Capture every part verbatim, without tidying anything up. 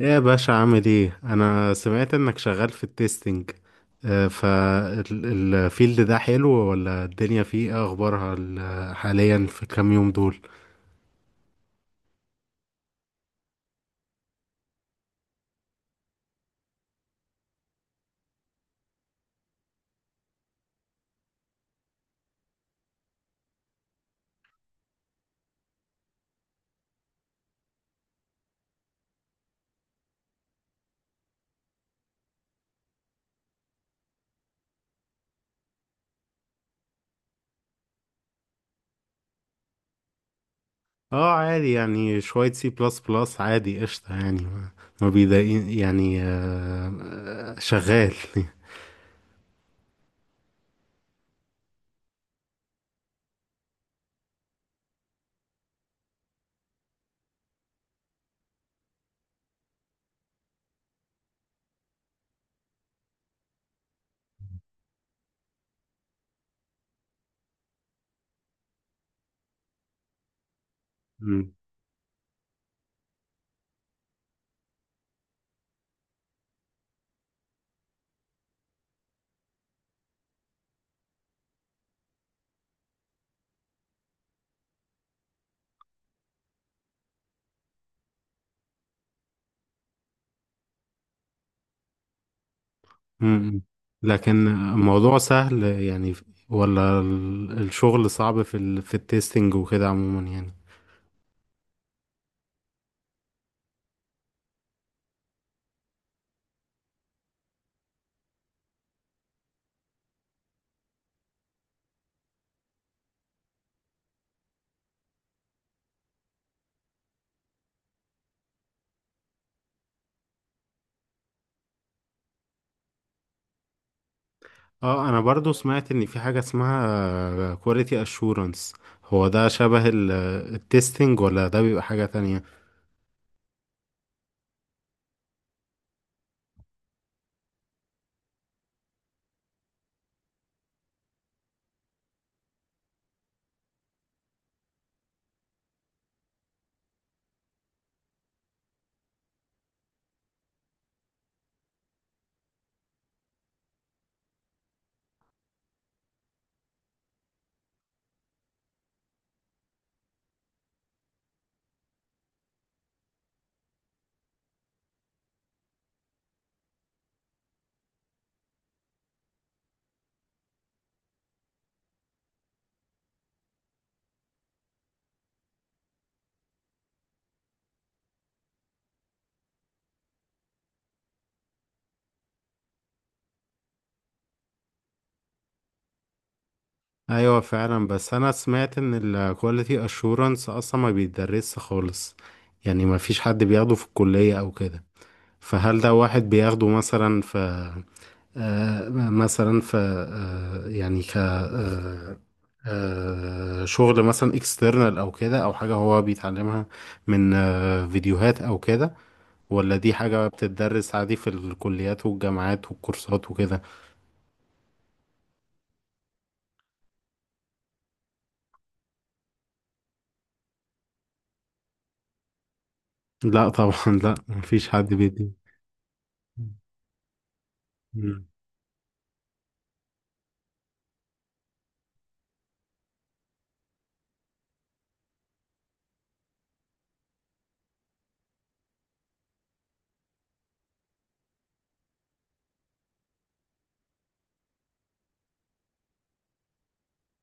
ايه يا باشا، عامل ايه؟ انا سمعت انك شغال في التستنج. آه، فالفيلد ده حلو، ولا الدنيا فيه ايه اخبارها ال- حاليا في كام يوم دول؟ اه، عادي يعني، شوية سي بلس بلس، عادي قشطة يعني، ما ما بيضايقين يعني، آه، شغال مم. مم. لكن الموضوع سهل يعني، ولا ال- الشغل صعب في ال في التستنج وكده عموما يعني؟ اه، انا برضو سمعت ان في حاجة اسمها كواليتي اشورنس. هو ده شبه التستنج، ولا ده بيبقى حاجة تانية؟ ايوه فعلا، بس انا سمعت ان الكواليتي اشورنس اصلا ما بيدرسش خالص، يعني ما فيش حد بياخده في الكلية او كده. فهل ده واحد بياخده مثلا في آه مثلا في آه يعني ك آه آه شغل مثلا اكسترنال، او كده، او حاجة هو بيتعلمها من آه فيديوهات او كده، ولا دي حاجة بتتدرس عادي في الكليات والجامعات والكورسات وكده؟ لا طبعا، لا مفيش حد بيدي. مم.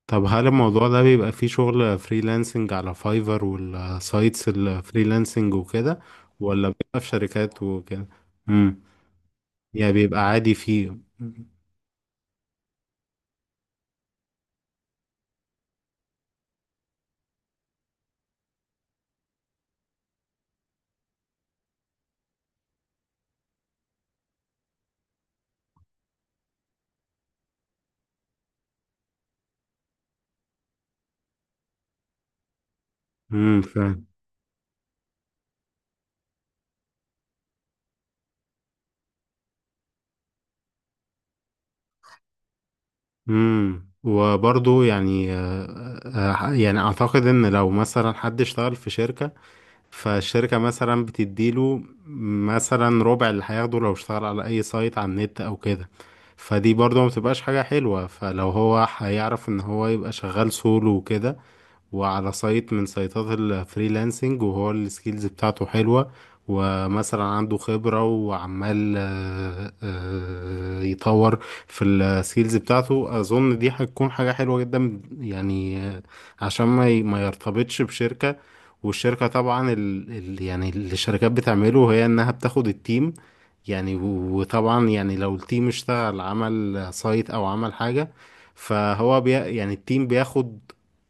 طب هل الموضوع ده بيبقى فيه شغل فريلانسنج على فايفر والسايتس الفريلانسنج وكده، ولا بيبقى في شركات وكده؟ امم يعني بيبقى عادي فيه. امم فاهم. امم وبرضه، يعني آه، آه، يعني اعتقد ان لو مثلا حد اشتغل في شركة، فالشركة مثلا بتديله مثلا ربع اللي هياخده لو اشتغل على أي سايت على النت أو كده. فدي برضه ما بتبقاش حاجة حلوة، فلو هو هيعرف إن هو يبقى شغال سولو وكده، وعلى سايت من سايتات الفريلانسنج، وهو السكيلز بتاعته حلوة، ومثلا عنده خبرة، وعمال آه، آه، يطور في السكيلز بتاعته. أظن دي هتكون حاجة حلوة جدا، يعني آه، عشان ما ي- ما يرتبطش بشركة. والشركة طبعا، ال... ال... يعني اللي الشركات بتعمله هي إنها بتاخد التيم، يعني و- وطبعا، يعني لو التيم اشتغل عمل سايت أو عمل حاجة، فهو بي... يعني التيم بياخد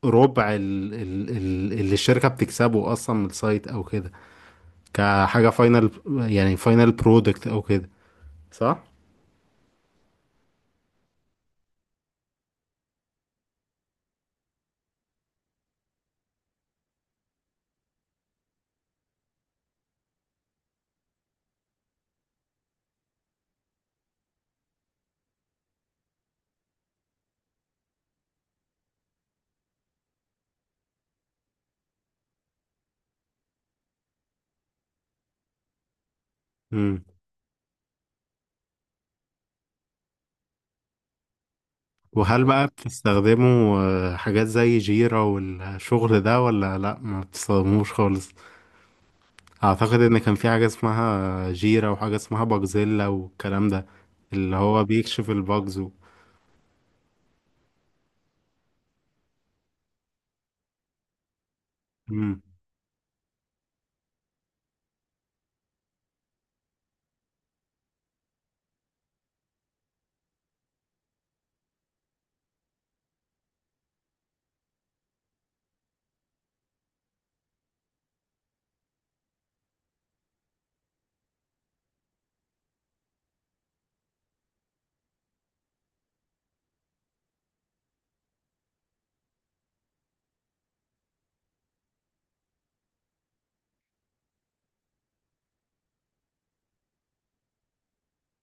ربع ال ال ال اللي الشركة بتكسبه أصلا من السايت أو كده، كحاجة فاينل، يعني فاينل برودكت أو كده، صح؟ مم. وهل بقى بتستخدموا آه، حاجات زي جيرا والشغل ده، ولا لأ ما بتستخدموش خالص؟ أعتقد إن كان في حاجة اسمها جيرا، وحاجة اسمها باجزيلا، والكلام ده اللي هو بيكشف الباجز. و...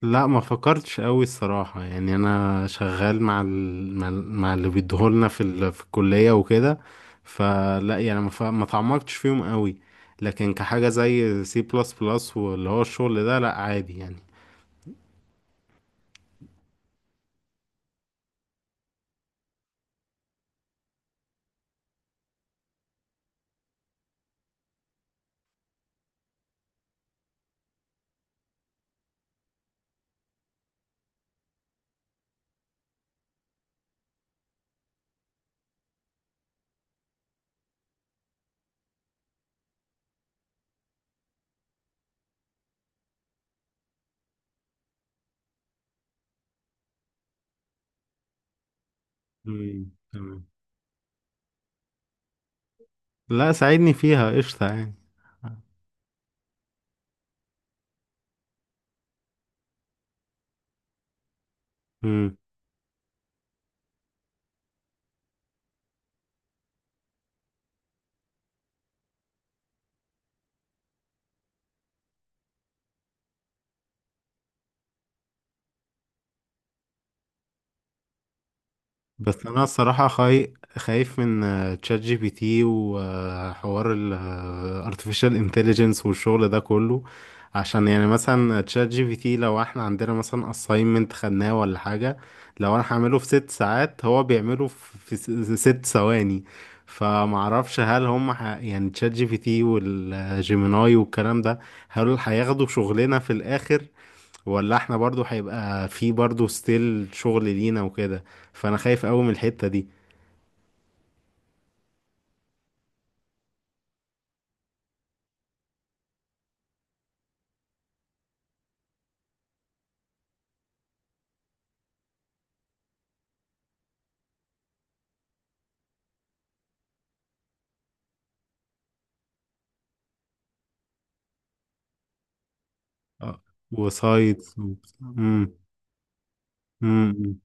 لا ما فكرتش قوي الصراحة، يعني انا شغال مع ال... مع, ال... مع اللي بيديهولنا في ال... في الكلية وكده. فلا يعني ما, ف... ما تعمقتش فيهم قوي. لكن كحاجة زي سي بلس بلس، واللي هو الشغل ده، لا عادي يعني. مم، تمام. لا، ساعدني فيها قشطة يعني. مم. بس انا الصراحه خاي... خايف من آه، تشات جي بي تي، وحوار ال آه، artificial intelligence والشغل ده كله. عشان يعني مثلا تشات جي بي تي، لو احنا عندنا مثلا assignment خدناه ولا حاجه، لو انا هعمله في ست ساعات هو بيعمله في في س- ست ثواني. فمعرفش هل هم ح... يعني تشات جي بي تي والجيميناي والكلام ده، هل هياخدوا شغلنا في الاخر؟ ولا احنا برضو هيبقى في برضو ستيل شغل لينا وكده؟ فانا خايف قوي من الحتة دي. اه. وسايتس. امم امم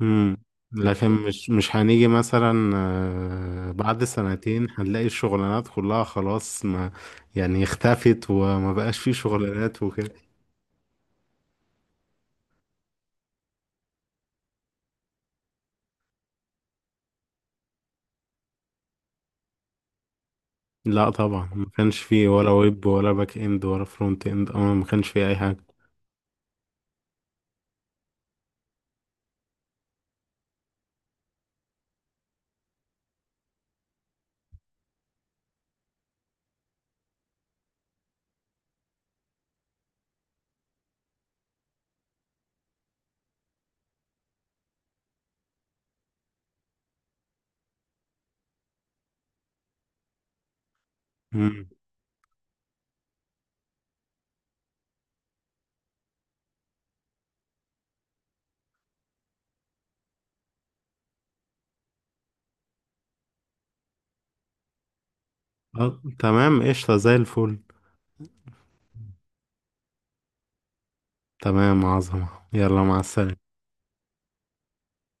امم لكن مش مش هنيجي مثلا آه، بعد سنتين هنلاقي الشغلانات كلها خلاص، ما يعني اختفت، وما بقاش فيه شغلانات وكده. لا طبعا، ما كانش فيه، ولا ويب، ولا باك اند، ولا فرونت اند. اه، ما كانش فيه اي حاجة. امم آه، تمام، قشطة زي الفل. تمام، عظمة، يلا مع السلامة.